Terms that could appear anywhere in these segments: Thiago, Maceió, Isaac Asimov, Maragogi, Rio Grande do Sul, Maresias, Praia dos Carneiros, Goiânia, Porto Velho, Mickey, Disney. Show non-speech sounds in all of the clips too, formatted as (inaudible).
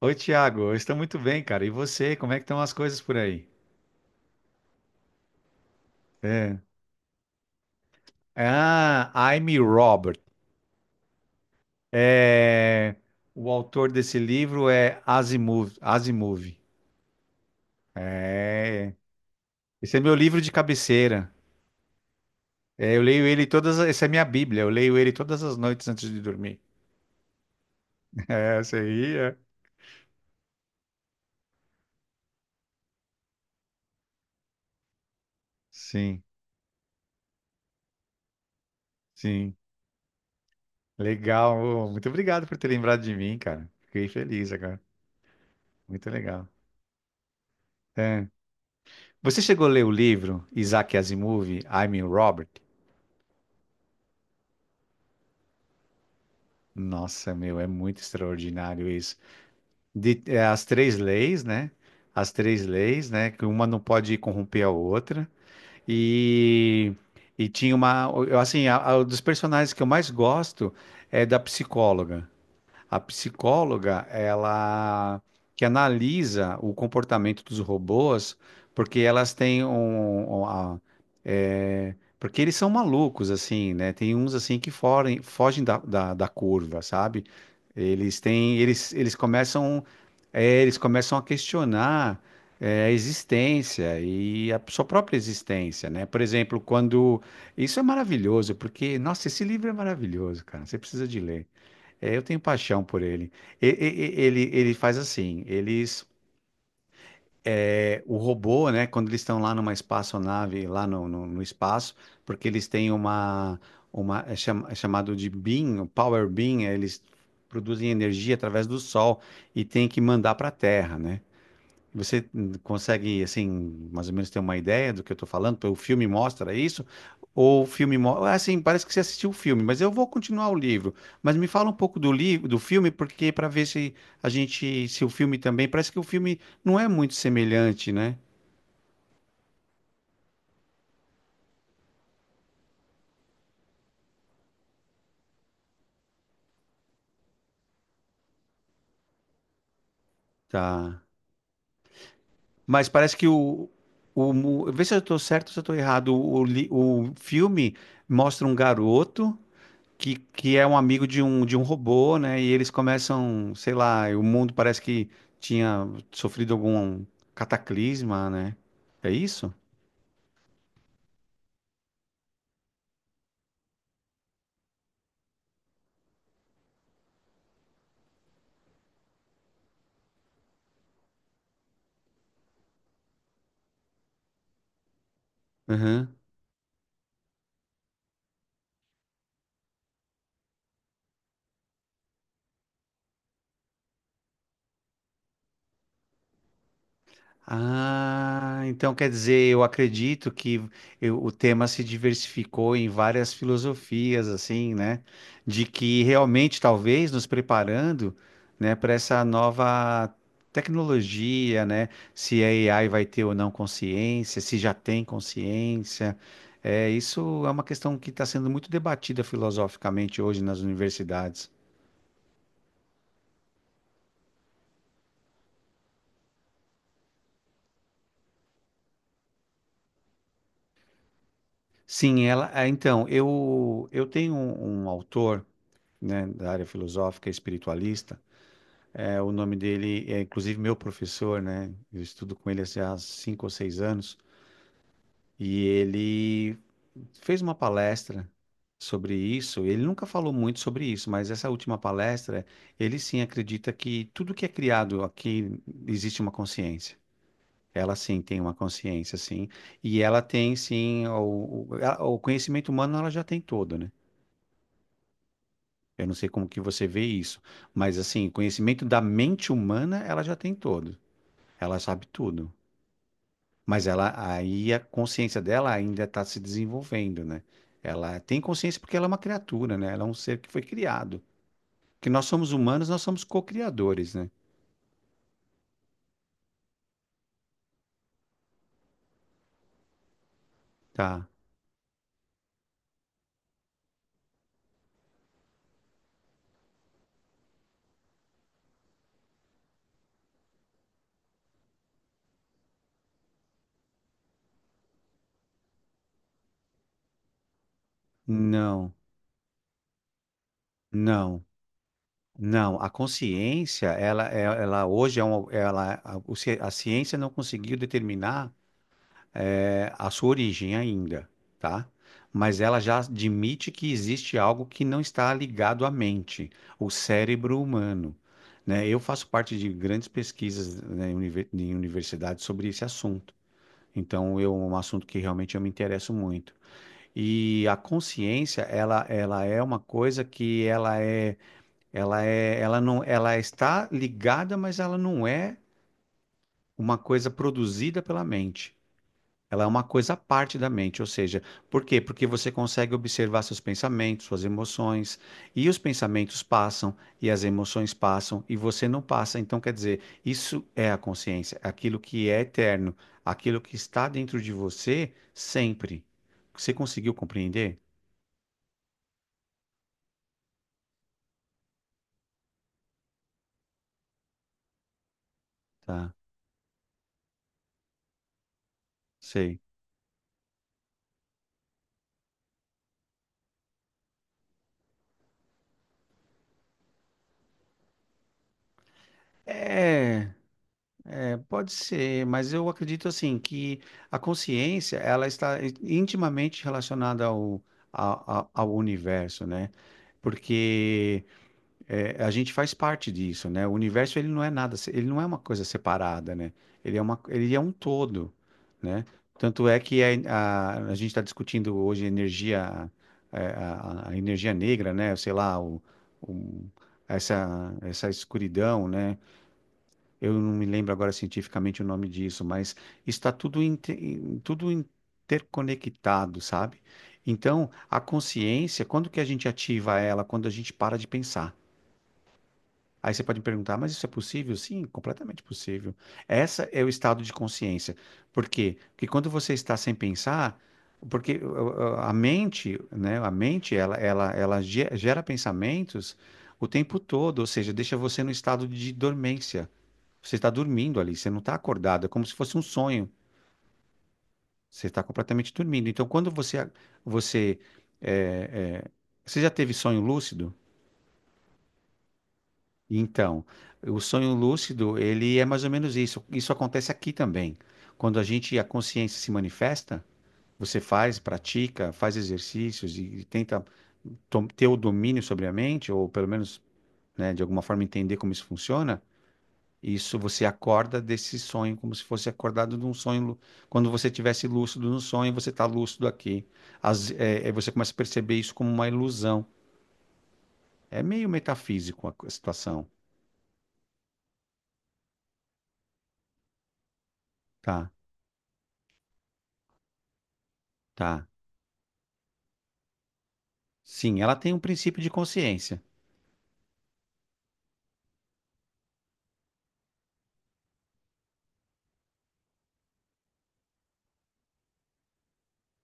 Oi, Thiago, eu estou muito bem, cara. E você, como é que estão as coisas por aí? É. Ah, I'm Robert. É, o autor desse livro é Asimov. Asimov. É, esse é meu livro de cabeceira. É, eu leio ele todas. Essa é minha Bíblia. Eu leio ele todas as noites antes de dormir. (laughs) É, essa aí é. Sim, sim. Legal. Ô, muito obrigado por ter lembrado de mim, cara. Fiquei feliz agora. Muito legal. É. Você chegou a ler o livro Isaac Asimov, I'm Robert? Nossa, meu, é muito extraordinário isso. As três leis, né? As três leis, né? Que uma não pode corromper a outra. E, e tinha uma. Assim, dos personagens que eu mais gosto é da psicóloga. A psicóloga, ela que analisa o comportamento dos robôs, porque elas têm porque eles são malucos, assim, né? Tem uns, assim, que forem, fogem da, da curva, sabe? Eles têm, eles, eles começam, eles começam a questionar, a existência e a sua própria existência, né? Por exemplo, quando... Isso é maravilhoso, porque, nossa, esse livro é maravilhoso, cara. Você precisa de ler. É, eu tenho paixão por ele. Ele faz assim, o robô, né, quando eles estão lá numa espaçonave, lá no espaço, porque eles têm uma é chamado de beam, o power beam, eles produzem energia através do sol e tem que mandar para a Terra, né? Você consegue, assim, mais ou menos ter uma ideia do que eu tô falando? Porque o filme mostra isso? Ou o filme mostra? Assim, parece que você assistiu o filme, mas eu vou continuar o livro. Mas me fala um pouco do livro, do filme, porque para ver se a gente, se o filme também, parece que o filme não é muito semelhante, né? Tá. Mas parece que vê se eu tô certo ou se eu tô errado. O filme mostra um garoto que é um amigo de um robô, né? E eles começam, sei lá, o mundo parece que tinha sofrido algum cataclisma, né? É isso? Aham. Ah, então quer dizer, eu acredito que o tema se diversificou em várias filosofias, assim, né? De que realmente, talvez, nos preparando, né, para essa nova tecnologia, né? Se a AI vai ter ou não consciência, se já tem consciência. É, isso é uma questão que está sendo muito debatida filosoficamente hoje nas universidades. Sim, então, eu tenho um autor. Né, da área filosófica espiritualista. É, o nome dele é, inclusive, meu professor, né? Eu estudo com ele assim, há 5 ou 6 anos. E ele fez uma palestra sobre isso. Ele nunca falou muito sobre isso, mas essa última palestra, ele sim acredita que tudo que é criado aqui existe uma consciência. Ela sim tem uma consciência, sim. E ela tem sim o conhecimento humano, ela já tem todo, né? Eu não sei como que você vê isso, mas assim, conhecimento da mente humana, ela já tem todo. Ela sabe tudo. Mas ela aí a consciência dela ainda está se desenvolvendo, né? Ela tem consciência porque ela é uma criatura, né? Ela é um ser que foi criado. Que nós somos humanos, nós somos co-criadores, né? Tá. Não. Não. Não, a consciência, ela hoje é uma, ela, a, o ci- a ciência não conseguiu determinar a sua origem ainda, tá? Mas ela já admite que existe algo que não está ligado à mente, o cérebro humano. Né? Eu faço parte de grandes pesquisas né, em universidades sobre esse assunto. Então, é um assunto que realmente eu me interesso muito. E a consciência, ela é uma coisa que ela está ligada, mas ela não é uma coisa produzida pela mente. Ela é uma coisa à parte da mente, ou seja, por quê? Porque você consegue observar seus pensamentos, suas emoções, e os pensamentos passam, e as emoções passam, e você não passa. Então, quer dizer, isso é a consciência, é aquilo que é eterno, aquilo que está dentro de você sempre. Você conseguiu compreender? Tá, sei. É. Pode ser, mas eu acredito assim que a consciência ela está intimamente relacionada ao universo, né? Porque a gente faz parte disso, né? O universo ele não é nada, ele não é uma coisa separada, né? Ele é um todo, né? Tanto é que a gente está discutindo hoje energia, é, a, energia negra, né? Sei lá, o- essa escuridão, né? Eu não me lembro agora cientificamente o nome disso, mas está tudo, tudo interconectado, sabe? Então, a consciência, quando que a gente ativa ela? Quando a gente para de pensar. Aí você pode me perguntar, mas isso é possível? Sim, completamente possível. Essa é o estado de consciência. Por quê? Porque quando você está sem pensar, porque a mente, né, a mente, ela gera pensamentos o tempo todo, ou seja, deixa você no estado de dormência. Você está dormindo ali, você não está acordado, é como se fosse um sonho. Você está completamente dormindo. Então, quando você é, é, você já teve sonho lúcido? Então, o sonho lúcido, ele é mais ou menos isso. Isso acontece aqui também. Quando a gente, a consciência se manifesta, você faz, pratica, faz exercícios e, tenta ter o domínio sobre a mente, ou pelo menos, né, de alguma forma entender como isso funciona. Isso, você acorda desse sonho, como se fosse acordado de um sonho. Quando você tivesse lúcido no sonho, você está lúcido aqui. Você começa a perceber isso como uma ilusão. É meio metafísico a situação. Tá, tá. Sim, ela tem um princípio de consciência.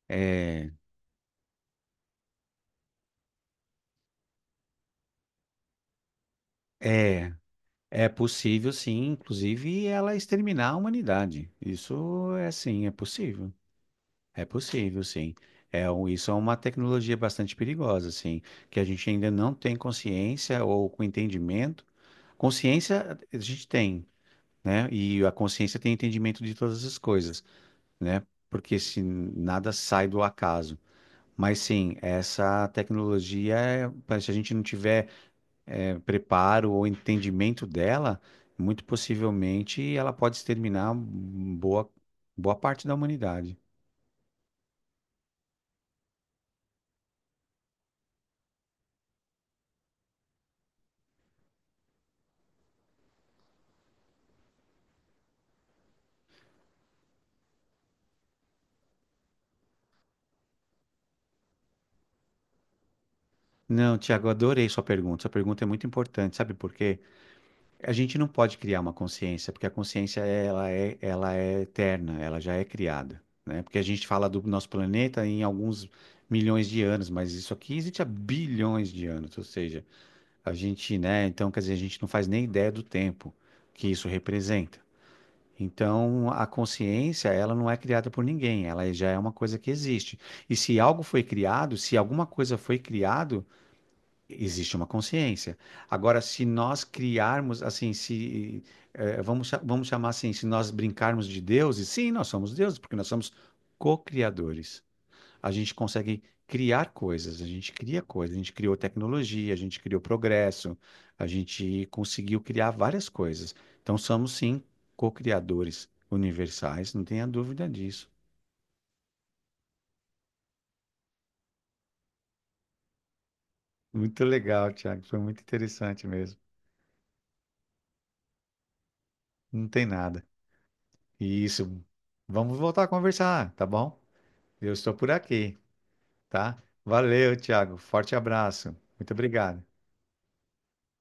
É, é, é possível, sim, inclusive, ela exterminar a humanidade. Isso é sim, é possível. É possível, sim. Isso é uma tecnologia bastante perigosa, assim, que a gente ainda não tem consciência ou com entendimento. Consciência a gente tem, né? E a consciência tem entendimento de todas as coisas, né? Porque se nada sai do acaso. Mas sim, essa tecnologia, se a gente não tiver preparo ou entendimento dela, muito possivelmente ela pode exterminar boa parte da humanidade. Não, Tiago, adorei sua pergunta. Sua pergunta é muito importante, sabe por quê? A gente não pode criar uma consciência, porque a consciência ela é eterna, ela já é criada, né? Porque a gente fala do nosso planeta em alguns milhões de anos, mas isso aqui existe há bilhões de anos, ou seja, a gente, né? Então, quer dizer, a gente não faz nem ideia do tempo que isso representa. Então, a consciência, ela não é criada por ninguém, ela já é uma coisa que existe. E se algo foi criado, se alguma coisa foi criada, existe uma consciência. Agora, se nós criarmos, assim, se, vamos chamar assim, se nós brincarmos de deuses, sim, nós somos deuses, porque nós somos co-criadores. A gente consegue criar coisas, a gente cria coisas, a gente criou tecnologia, a gente criou progresso, a gente conseguiu criar várias coisas. Então, somos, sim, co-criadores universais, não tenha dúvida disso. Muito legal, Tiago, foi muito interessante mesmo. Não tem nada. Isso. Vamos voltar a conversar, tá bom? Eu estou por aqui, tá? Valeu, Thiago. Forte abraço. Muito obrigado.